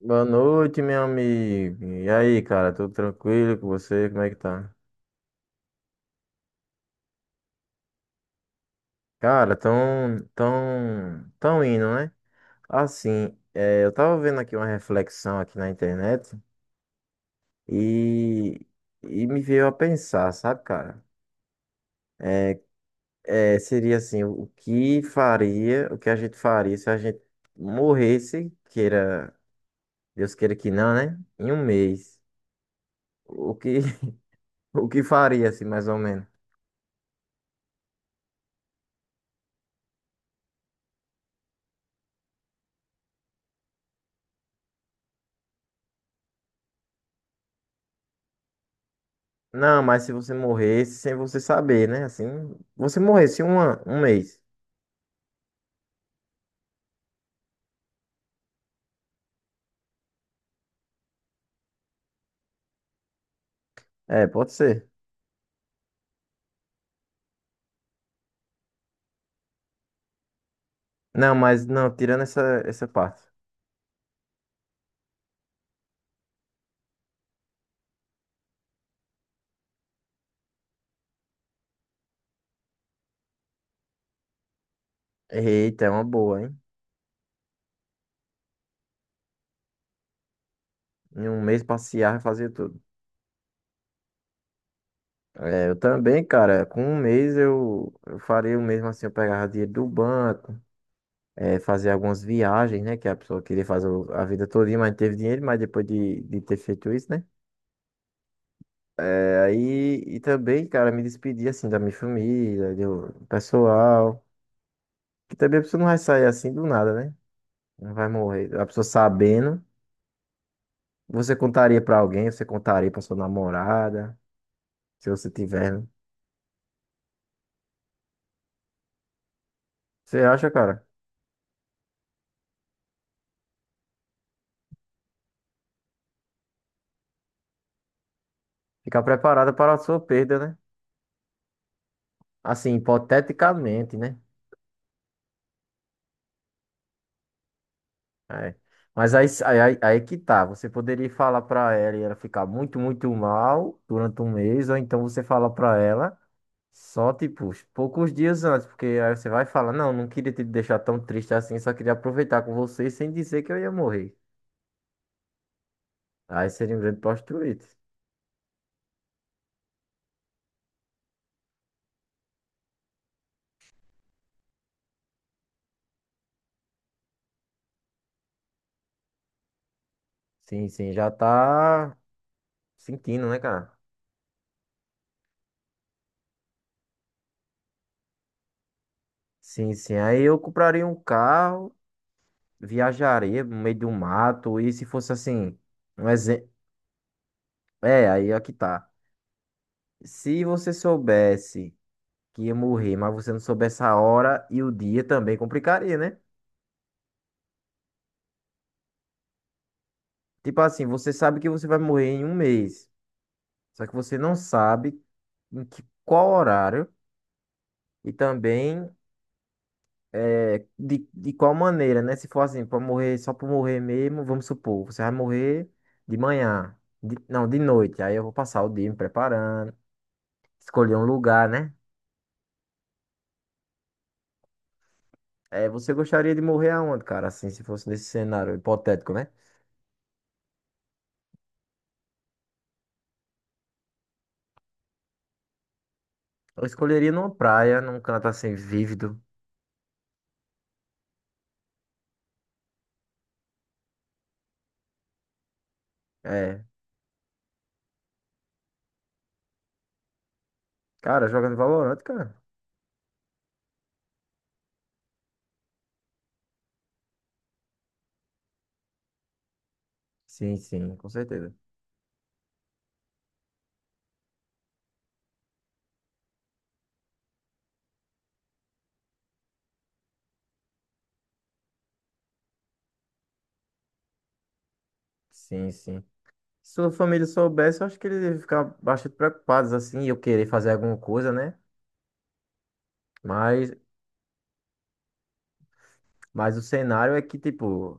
Boa noite, meu amigo. E aí, cara, tudo tranquilo com você? Como é que tá? Cara, tão indo, né? Assim, eu tava vendo aqui uma reflexão aqui na internet e, e me veio a pensar, sabe, cara? Seria assim, o que faria, o que a gente faria se a gente morresse, Deus queira que não, né? Em um mês. O que, o que faria, assim, mais ou menos? Não, mas se você morresse sem você saber, né? Assim, você morresse um mês. É, pode ser. Não, mas não, tirando essa parte. Eita, é uma boa, hein? Em um mês passear e fazer tudo. É, eu também, cara, com um mês eu faria o mesmo assim, eu pegava dinheiro do banco, fazer algumas viagens, né? Que a pessoa queria fazer a vida todinha, mas não teve dinheiro, mas depois de ter feito isso, né? É, aí, e também, cara, me despedir assim da minha família, do pessoal. Que também a pessoa não vai sair assim do nada, né? Não vai morrer. A pessoa sabendo, você contaria pra alguém, você contaria pra sua namorada, se você tiver, né? Você acha, cara? Ficar preparada para a sua perda, né? Assim, hipoteticamente, né? É. Mas aí que tá. Você poderia falar pra ela e ela ficar muito, muito mal durante um mês, ou então você fala pra ela só, tipo, uns poucos dias antes, porque aí você vai falar, não, não queria te deixar tão triste assim, só queria aproveitar com você sem dizer que eu ia morrer. Aí seria um grande plot twist. Sim, sim, já tá sentindo, né, cara? Sim, sim. Aí eu compraria um carro, viajaria no meio do mato, e se fosse assim, um exemplo. É, aí aqui tá. Se você soubesse que ia morrer, mas você não soubesse a hora e o dia também complicaria, né? Tipo assim, você sabe que você vai morrer em um mês, só que você não sabe qual horário e também de qual maneira, né? Se for assim, pra morrer só por morrer mesmo, vamos supor, você vai morrer de manhã, não, de noite. Aí eu vou passar o dia me preparando, escolher um lugar, né? Você gostaria de morrer aonde, cara? Assim, se fosse nesse cenário hipotético, né? Eu escolheria numa praia, num canto assim, vívido. É, cara, jogando Valorant, cara. Sim, sim, com certeza. Sim, sim. Se sua família soubesse, eu acho que eles iam ficar bastante preocupados, assim, eu querer fazer alguma coisa, né? Mas Mas o cenário é que, tipo,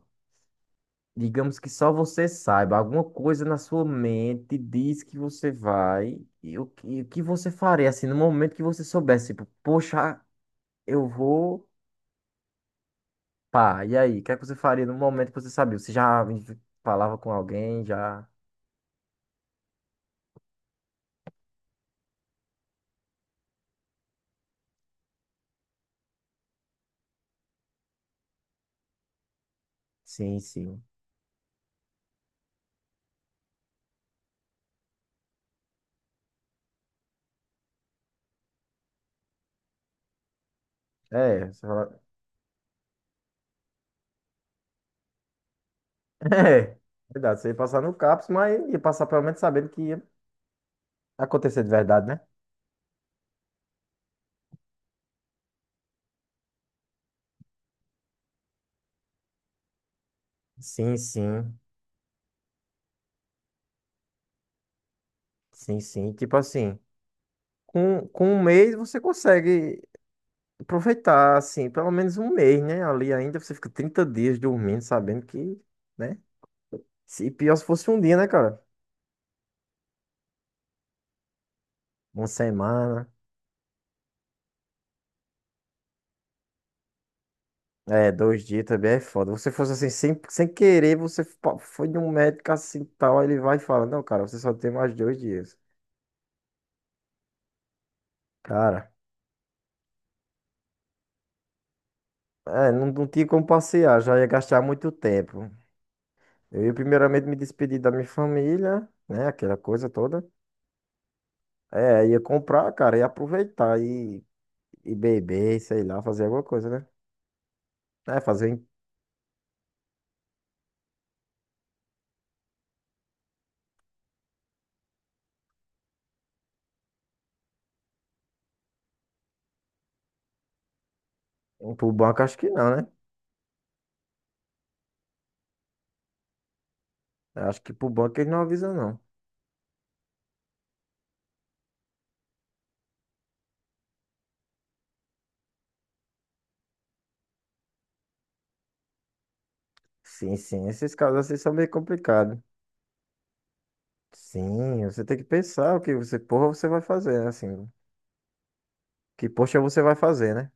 digamos que só você saiba, alguma coisa na sua mente diz que você vai, e o que você faria, assim, no momento que você soubesse, tipo, poxa, eu vou, pá, e aí, o que é que você faria no momento que você sabia? Você já falava com alguém, já, sim, sim. É, você fala... É, verdade, você ia passar no CAPS, mas ia passar pelo menos sabendo que ia acontecer de verdade, né? Sim, sim, sim, sim, tipo assim... Com um mês você consegue. Aproveitar, assim, pelo menos um mês, né? Ali ainda você fica 30 dias dormindo, sabendo que, né? Se pior se fosse um dia, né, cara? Uma semana, 2 dias também é foda. Você fosse assim, sem querer, você foi num médico assim tal, aí ele vai e fala: Não, cara, você só tem mais 2 dias. Cara, não, não tinha como passear, já ia gastar muito tempo. Eu ia primeiramente me despedir da minha família, né? Aquela coisa toda. É, ia comprar, cara, ia aproveitar e beber, sei lá, fazer alguma coisa, né? É, fazer em, Pro banco, acho que não, né? Eu acho que pro banco eles não avisam, não. Sim, sim, esses casos assim são meio complicados. Sim, você tem que pensar o que você, porra, você vai fazer, né? Assim, que poxa você vai fazer, né?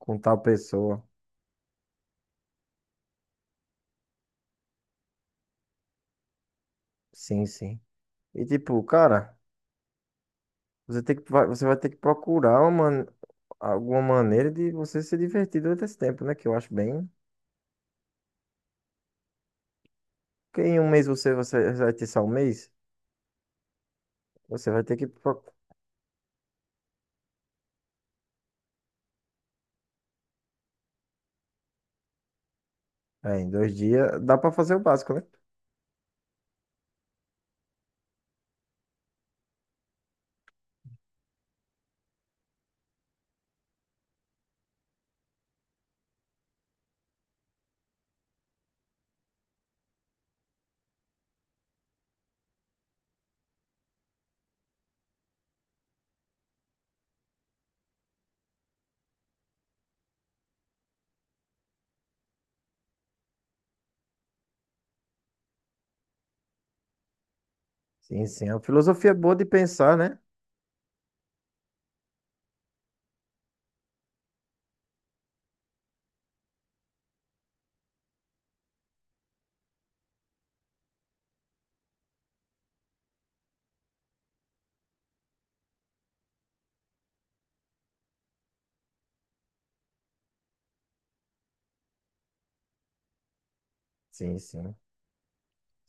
Com tal pessoa. Sim, sim. E tipo, cara, você vai ter que procurar alguma maneira de você se divertir durante esse tempo, né? Que eu acho bem. Porque em um mês você vai ter só um mês, você vai ter que. É, em 2 dias, dá pra fazer o básico, né? Sim, sim. É uma filosofia boa de pensar, né? Sim, sim.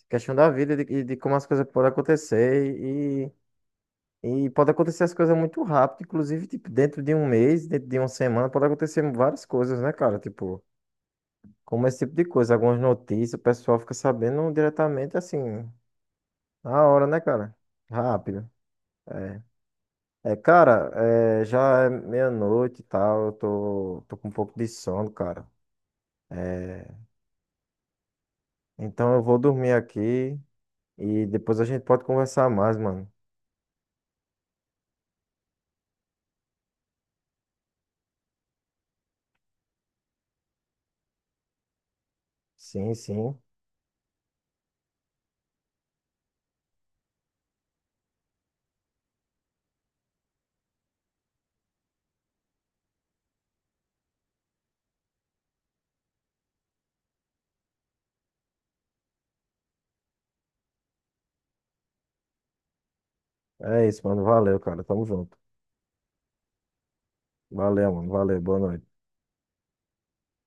Questão da vida e de como as coisas podem acontecer e pode acontecer as coisas muito rápido, inclusive, tipo, dentro de um mês, dentro de uma semana, pode acontecer várias coisas, né, cara? Tipo, como esse tipo de coisa, algumas notícias, o pessoal fica sabendo diretamente, assim, na hora, né, cara? Rápido. É, é cara, já é meia-noite e tal, eu tô com um pouco de sono, cara. É, então eu vou dormir aqui. E depois a gente pode conversar mais, mano. Sim, sim. É isso, mano. Valeu, cara. Tamo junto. Valeu, mano. Valeu. Boa noite.